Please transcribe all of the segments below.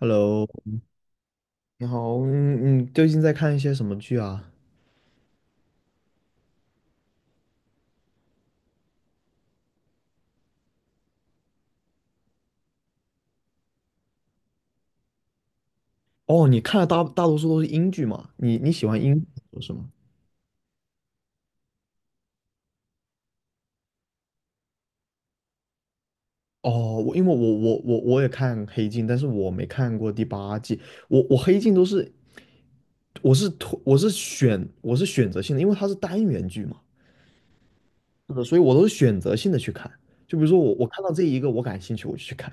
Hello，你好，你最近在看一些什么剧啊？哦，你看的大多数都是英剧嘛？你喜欢英剧是吗？哦，因为我也看《黑镜》，但是我没看过第八季。我《黑镜》都是我是选择性的，因为它是单元剧嘛，是的，所以我都是选择性的去看。就比如说我看到这一个我感兴趣，我就去看。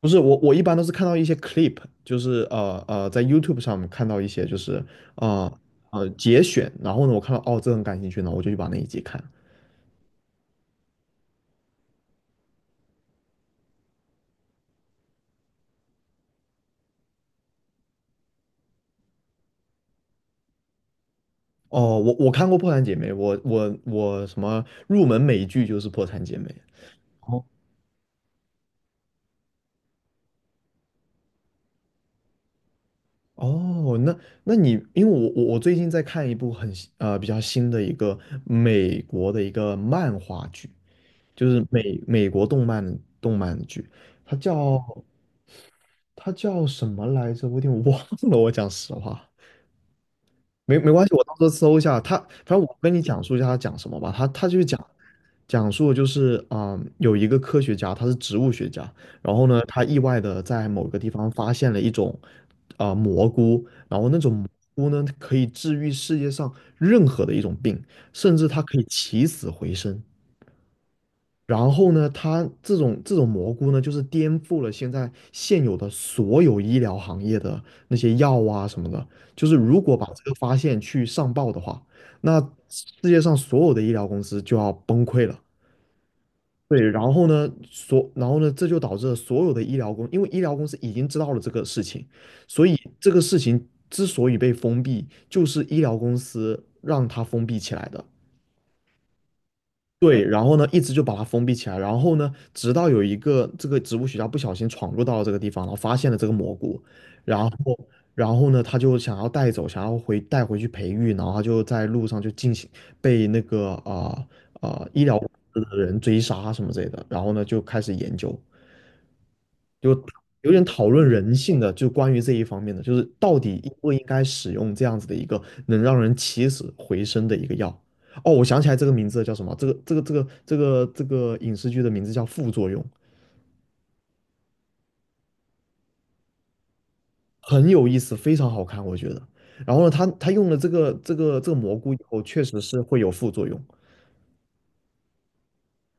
不是我，我一般都是看到一些 clip，就是在 YouTube 上面看到一些就是呃节选，然后呢，我看到哦这很感兴趣呢，我就去把那一集看。哦，我看过《破产姐妹》，我什么入门美剧就是《破产姐妹》。哦，哦，那你因为我最近在看一部比较新的一个美国的一个漫画剧，就是美国动漫剧，它叫他叫什么来着？我有点忘了。我讲实话，没关系，我到时候搜一下。他。反正我跟你讲述一下他讲什么吧。他就是讲述就是有一个科学家，他是植物学家，然后呢，他意外的在某个地方发现了一种蘑菇，然后那种蘑菇呢可以治愈世界上任何的一种病，甚至它可以起死回生。然后呢，它这种蘑菇呢，就是颠覆了现有的所有医疗行业的那些药啊什么的。就是如果把这个发现去上报的话，那世界上所有的医疗公司就要崩溃了。对，然后呢，这就导致了所有的医疗公，因为医疗公司已经知道了这个事情，所以这个事情之所以被封闭，就是医疗公司让它封闭起来的。对，然后呢，一直就把它封闭起来，然后呢，直到有一个这个植物学家不小心闯入到了这个地方，然后发现了这个蘑菇，然后，然后呢，他就想要带走，想要回带回去培育，然后他就在路上就进行被那个医疗的人追杀什么之类的，然后呢就开始研究。就有点讨论人性的，就关于这一方面的，就是到底应不应该使用这样子的一个能让人起死回生的一个药。哦，我想起来这个名字叫什么？这个影视剧的名字叫《副作用》，很有意思，非常好看，我觉得。然后呢，他用了这个蘑菇以后，确实是会有副作用。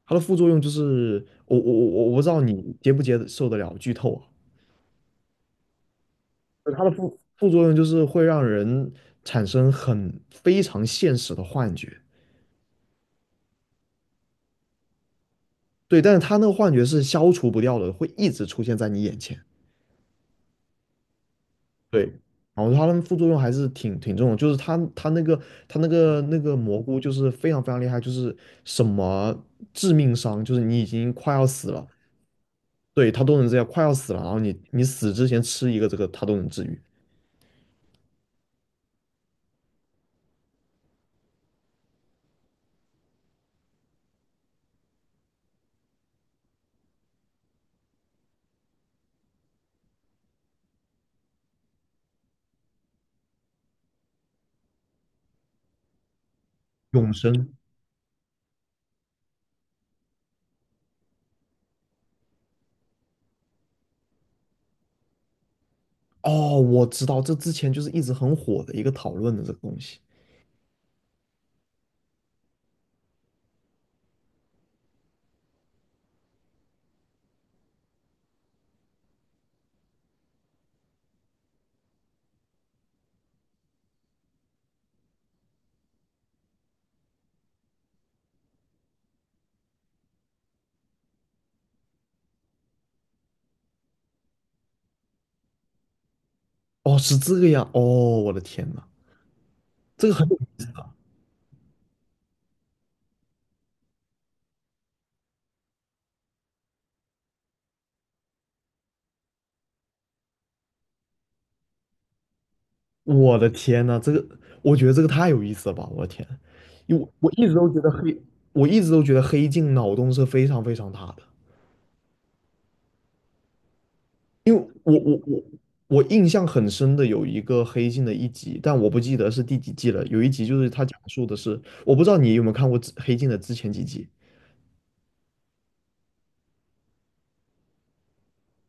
它的副作用就是，我不知道你接不接受得了剧透啊。它的副作用就是会让人产生非常现实的幻觉。对，但是他那个幻觉是消除不掉的，会一直出现在你眼前。对，然后它的副作用还是挺重的，就是他他那个他那个那个蘑菇就是非常非常厉害，就是什么致命伤，就是你已经快要死了，对，他都能这样，快要死了，然后你死之前吃一个这个，他都能治愈永生。哦，我知道，这之前就是一直很火的一个讨论的这个东西。哦，是这个样。哦，我的天呐，这个很有意思。我的天呐，这个我觉得这个太有意思了吧！我的天，因为我一直都觉得黑镜脑洞是非常非常大的，因为我印象很深的有一个黑镜的一集，但我不记得是第几季了。有一集就是它讲述的是，我不知道你有没有看过之黑镜的之前几集，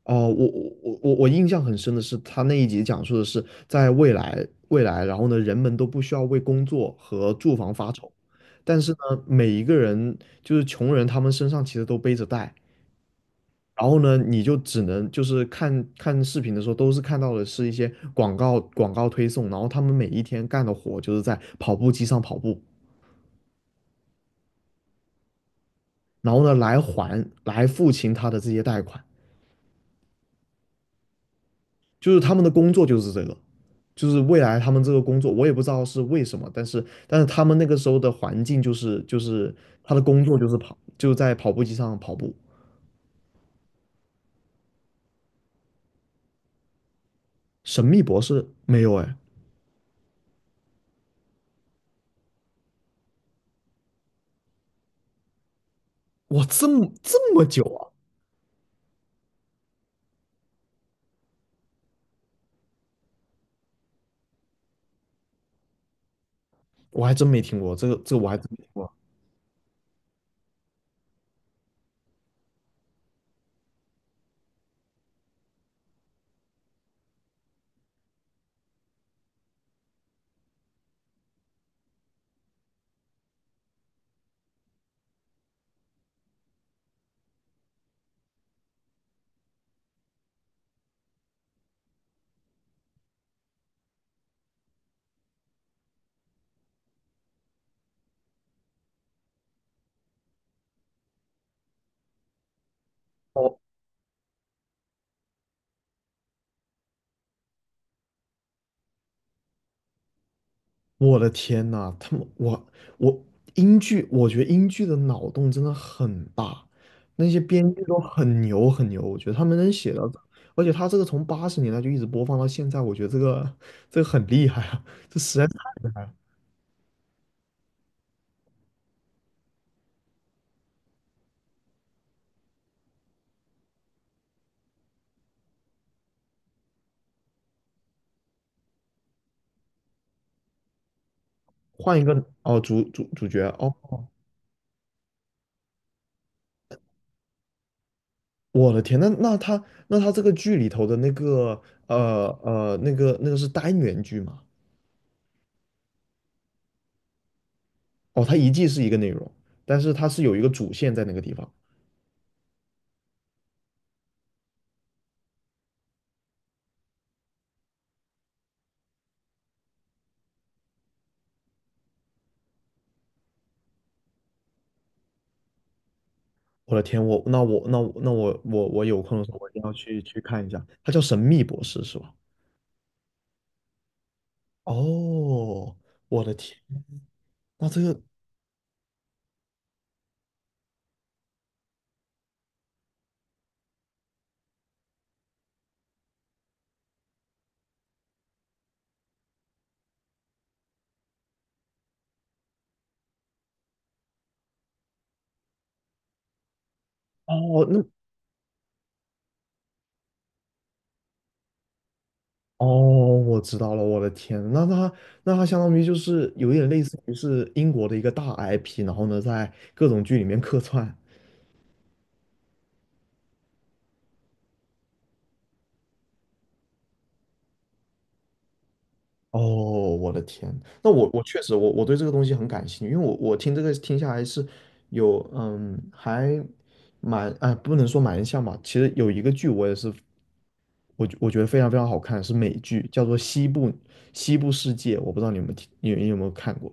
哦，我印象很深的是，他那一集讲述的是在未来，然后呢，人们都不需要为工作和住房发愁，但是呢，每一个人就是穷人，他们身上其实都背着贷，然后呢，你就只能就是看看视频的时候，都是看到的是一些广告推送，然后他们每一天干的活就是在跑步机上跑步，然后呢，来还来付清他的这些贷款，就是他们的工作就是这个。就是未来他们这个工作，我也不知道是为什么，但是他们那个时候的环境就是他的工作就是跑，就在跑步机上跑步。神秘博士没有哎，哇，这么久啊，我还真没听过这个，这个我还真没听过。哦，我的天呐，他们我我英剧，我觉得英剧的脑洞真的很大，那些编剧都很牛很牛，我觉得他们能写到，而且他这个从80年代就一直播放到现在，我觉得这个很厉害啊。这实在换一个。哦，主角哦，我的天，那这个剧里头的那个那个是单元剧吗？哦，它一季是一个内容，但是它是有一个主线在那个地方。我的天，我那我那我那我我我有空的时候我一定要去看一下。它叫《神秘博士》是吧？哦，我的天，那这个哦，哦，我知道了，我的天，那它相当于就是有一点类似于是英国的一个大 IP，然后呢，在各种剧里面客串。哦，我的天，那我确实我对这个东西很感兴趣，因为我听这个听下来是有还蛮哎不能说蛮像吧，其实有一个剧我也是我觉得非常非常好看，是美剧，叫做西部世界》，我不知道你们有听，你有没有看过？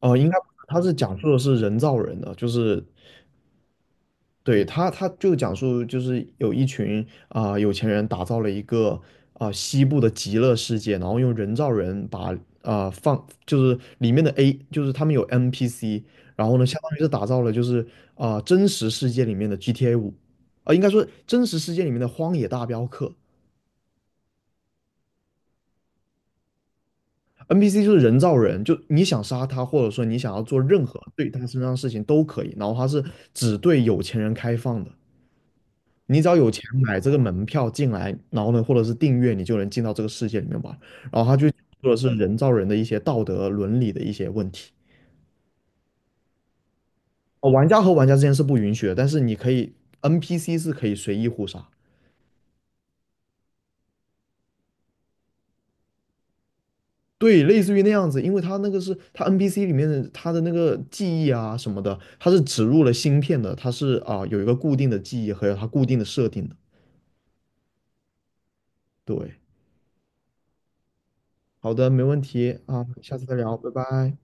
哦，应该它是讲述的是人造人的，就是对他，他就讲述就是有一群有钱人打造了一个西部的极乐世界，然后用人造人把就是里面的 A 就是他们有 NPC，然后呢相当于是打造了就是真实世界里面的 GTA5，应该说真实世界里面的荒野大镖客，NPC 就是人造人，就你想杀他或者说你想要做任何对他身上的事情都可以，然后他是只对有钱人开放的。你只要有钱买这个门票进来，然后呢，或者是订阅，你就能进到这个世界里面玩。然后他就说的是人造人的一些道德伦理的一些问题。哦，玩家和玩家之间是不允许的，但是你可以 NPC 是可以随意互杀。对，类似于那样子，因为他那个是他 NPC 里面的他的那个记忆啊什么的，他是植入了芯片的，他是有一个固定的记忆和有它固定的设定的。对，好的，没问题啊，下次再聊，拜拜。